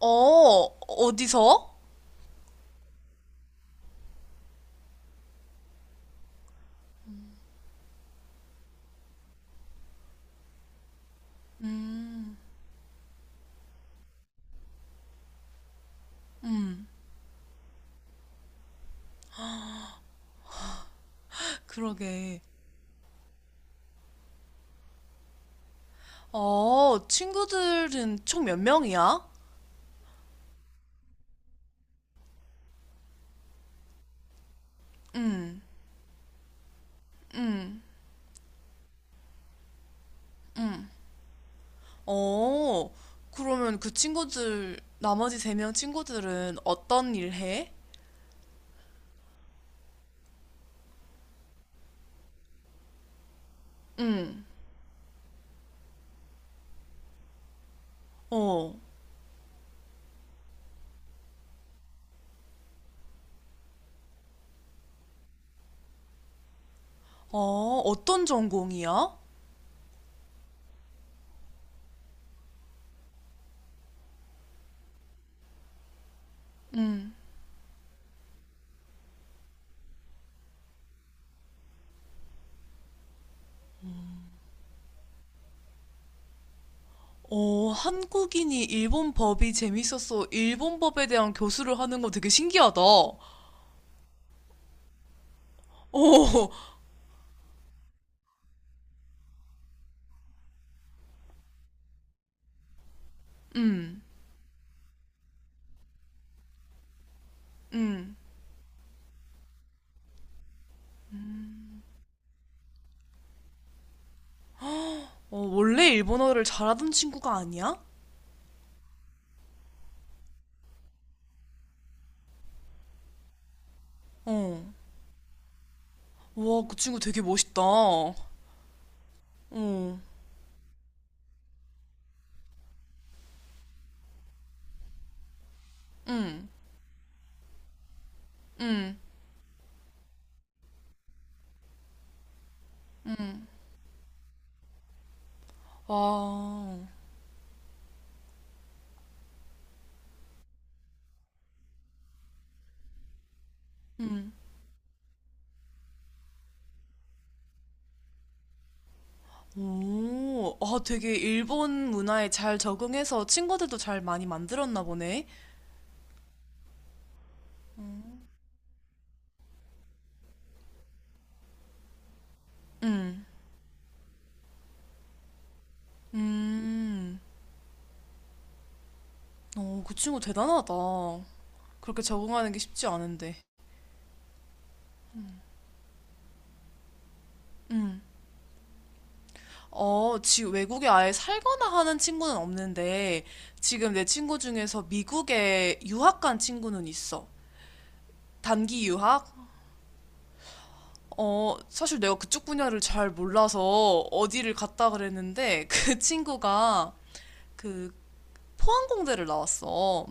어, 어디서? 그러게. 어, 친구들은 총 몇 명이야? 응. 응. 어, 그러면 그 친구들, 나머지 세 명 친구들은 어떤 일 해? 응. 어. 어, 어떤 전공이야? 응. 어, 한국인이 일본 법이 재밌어서 일본 법에 대한 교수를 하는 거 되게 신기하다. 어. 음. 음. 어, 원래 일본어를 잘하던 친구가 아니야? 어. 와, 그 친구 되게 멋있다. 어. 응. 응. 응. 와. 응. 오, 아, 되게 일본 문화에 잘 적응해서 친구들도 잘 많이 만들었나 보네. 응. 음. 어, 그 친구 대단하다. 그렇게 적응하는 게 쉽지 않은데. 응. 어, 지금 외국에 아예 살거나 하는 친구는 없는데, 지금 내 친구 중에서 미국에 유학 간 친구는 있어. 단기 유학? 어, 사실 내가 그쪽 분야를 잘 몰라서 어디를 갔다 그랬는데 그 친구가 그 항공대를 나왔어.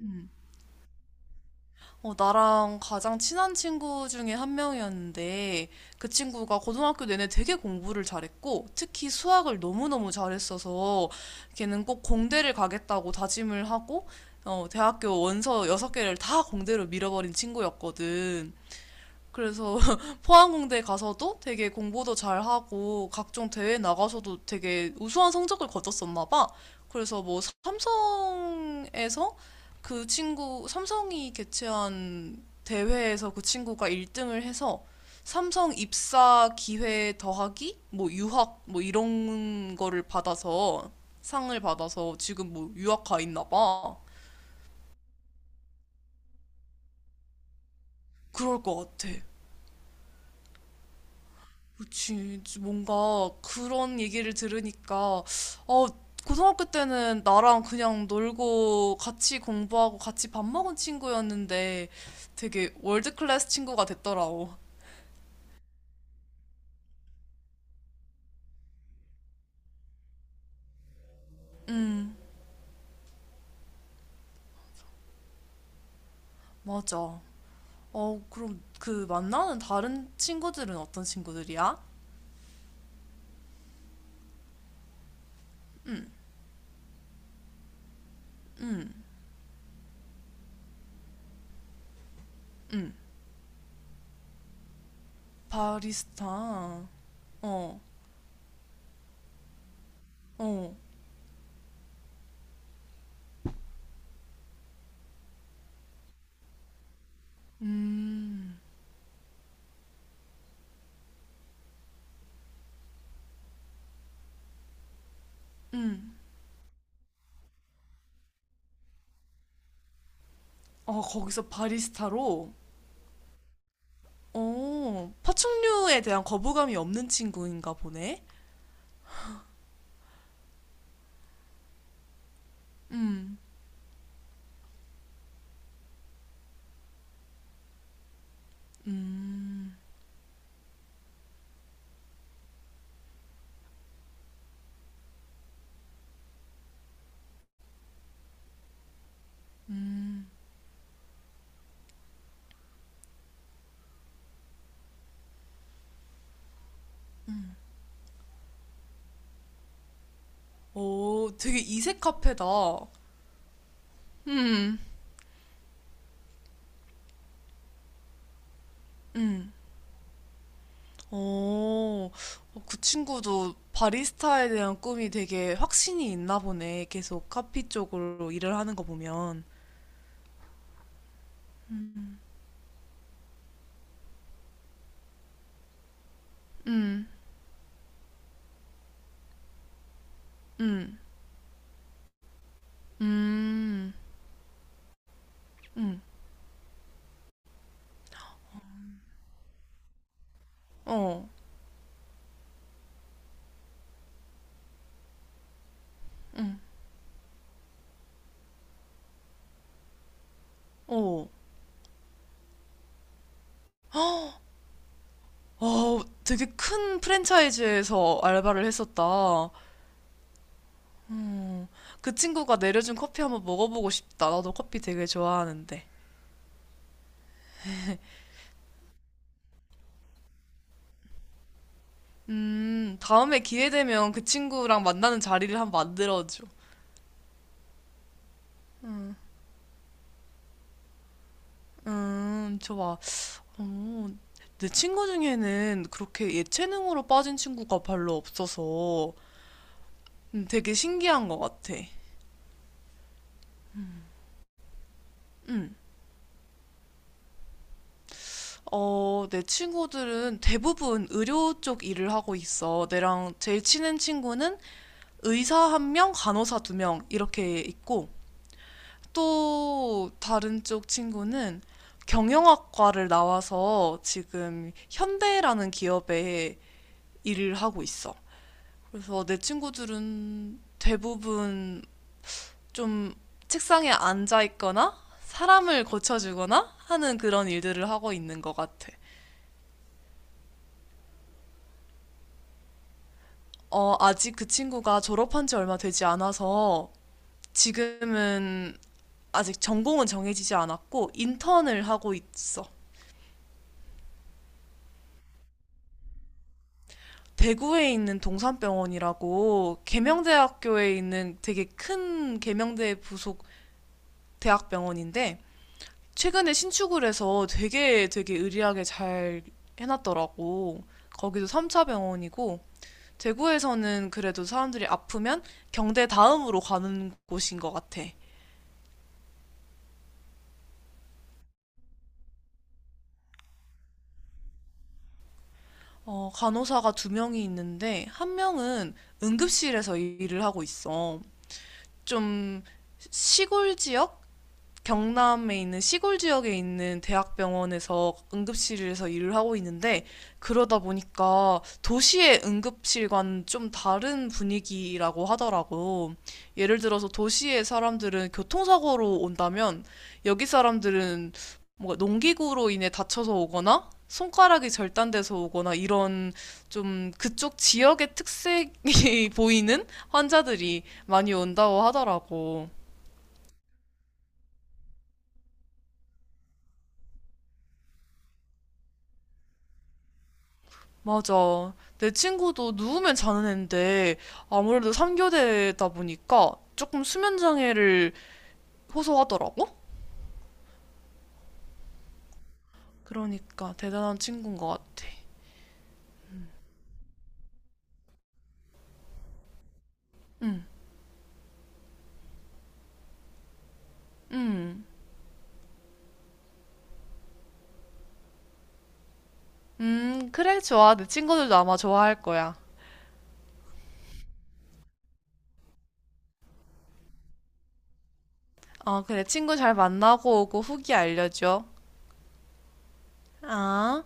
음. 어, 나랑 가장 친한 친구 중에 한 명이었는데 그 친구가 고등학교 내내 되게 공부를 잘했고 특히 수학을 너무너무 잘했어서 걔는 꼭 공대를 가겠다고 다짐을 하고, 어, 대학교 원서 여섯 개를 다 공대로 밀어버린 친구였거든. 그래서 포항공대 가서도 되게 공부도 잘하고 각종 대회 나가서도 되게 우수한 성적을 거뒀었나 봐. 그래서 뭐 삼성에서, 그 친구, 삼성이 개최한 대회에서 그 친구가 1등을 해서 삼성 입사 기회 더하기 뭐 유학 뭐 이런 거를 받아서 상을 받아서 지금 뭐 유학 가 있나 봐. 그럴 것 같아. 그치. 뭔가 그런 얘기를 들으니까, 어, 고등학교 때는 나랑 그냥 놀고 같이 공부하고 같이 밥 먹은 친구였는데 되게 월드클래스 친구가 됐더라고. 음. 맞아. 어, 그럼 그 만나는 다른 친구들은 어떤 친구들이야? 음. 음. 음. 바리스타. 어. 어. 음. 음. 어, 거기서 바리스타로? 어, 파충류에 대한 거부감이 없는 친구인가 보네. 음. 음. 음. 오, 되게 이색 카페다. 음. 음. 오. 어, 그 친구도 바리스타에 대한 꿈이 되게 확신이 있나 보네. 계속 카피 쪽으로 일을 하는 거 보면. 음. 음. 음. 음. 어. 음. 어. 어, 되게 큰 프랜차이즈에서 알바를 했었다. 어, 그 친구가 내려준 커피 한번 먹어보고 싶다. 나도 커피 되게 좋아하는데. 다음에 기회 되면 그 친구랑 만나는 자리를 한번 만들어줘. 음. 좋아. 어, 내 친구 중에는 그렇게 예체능으로 빠진 친구가 별로 없어서, 되게 신기한 것 같아. 음. 어, 내 친구들은 대부분 의료 쪽 일을 하고 있어. 내랑 제일 친한 친구는 의사 한 명, 간호사 두 명 이렇게 있고, 또 다른 쪽 친구는 경영학과를 나와서 지금 현대라는 기업에 일을 하고 있어. 그래서 내 친구들은 대부분 좀 책상에 앉아 있거나 사람을 고쳐주거나 하는 그런 일들을 하고 있는 것 같아. 어, 아직 그 친구가 졸업한 지 얼마 되지 않아서 지금은 아직 전공은 정해지지 않았고 인턴을 하고 있어. 대구에 있는 동산병원이라고 계명대학교에 있는 되게 큰 계명대 부속 대학병원인데 최근에 신축을 해서 되게 의리하게 잘 해놨더라고. 거기도 3차 병원이고 대구에서는 그래도 사람들이 아프면 경대 다음으로 가는 곳인 것 같아. 어, 간호사가 두 명이 있는데 한 명은 응급실에서 일을 하고 있어. 좀 시골 지역? 경남에 있는 시골 지역에 있는 대학병원에서 응급실에서 일을 하고 있는데 그러다 보니까 도시의 응급실과는 좀 다른 분위기라고 하더라고. 예를 들어서 도시의 사람들은 교통사고로 온다면 여기 사람들은 뭔가 농기구로 인해 다쳐서 오거나 손가락이 절단돼서 오거나 이런 좀 그쪽 지역의 특색이 보이는 환자들이 많이 온다고 하더라고. 맞아. 내 친구도 누우면 자는 애인데 아무래도 3교대다 보니까 조금 수면 장애를 호소하더라고? 그러니까 대단한 친구인 것 같아. 응. 응. 그래, 좋아. 내 친구들도 아마 좋아할 거야. 어, 그래. 친구 잘 만나고 오고 후기 알려줘. 아.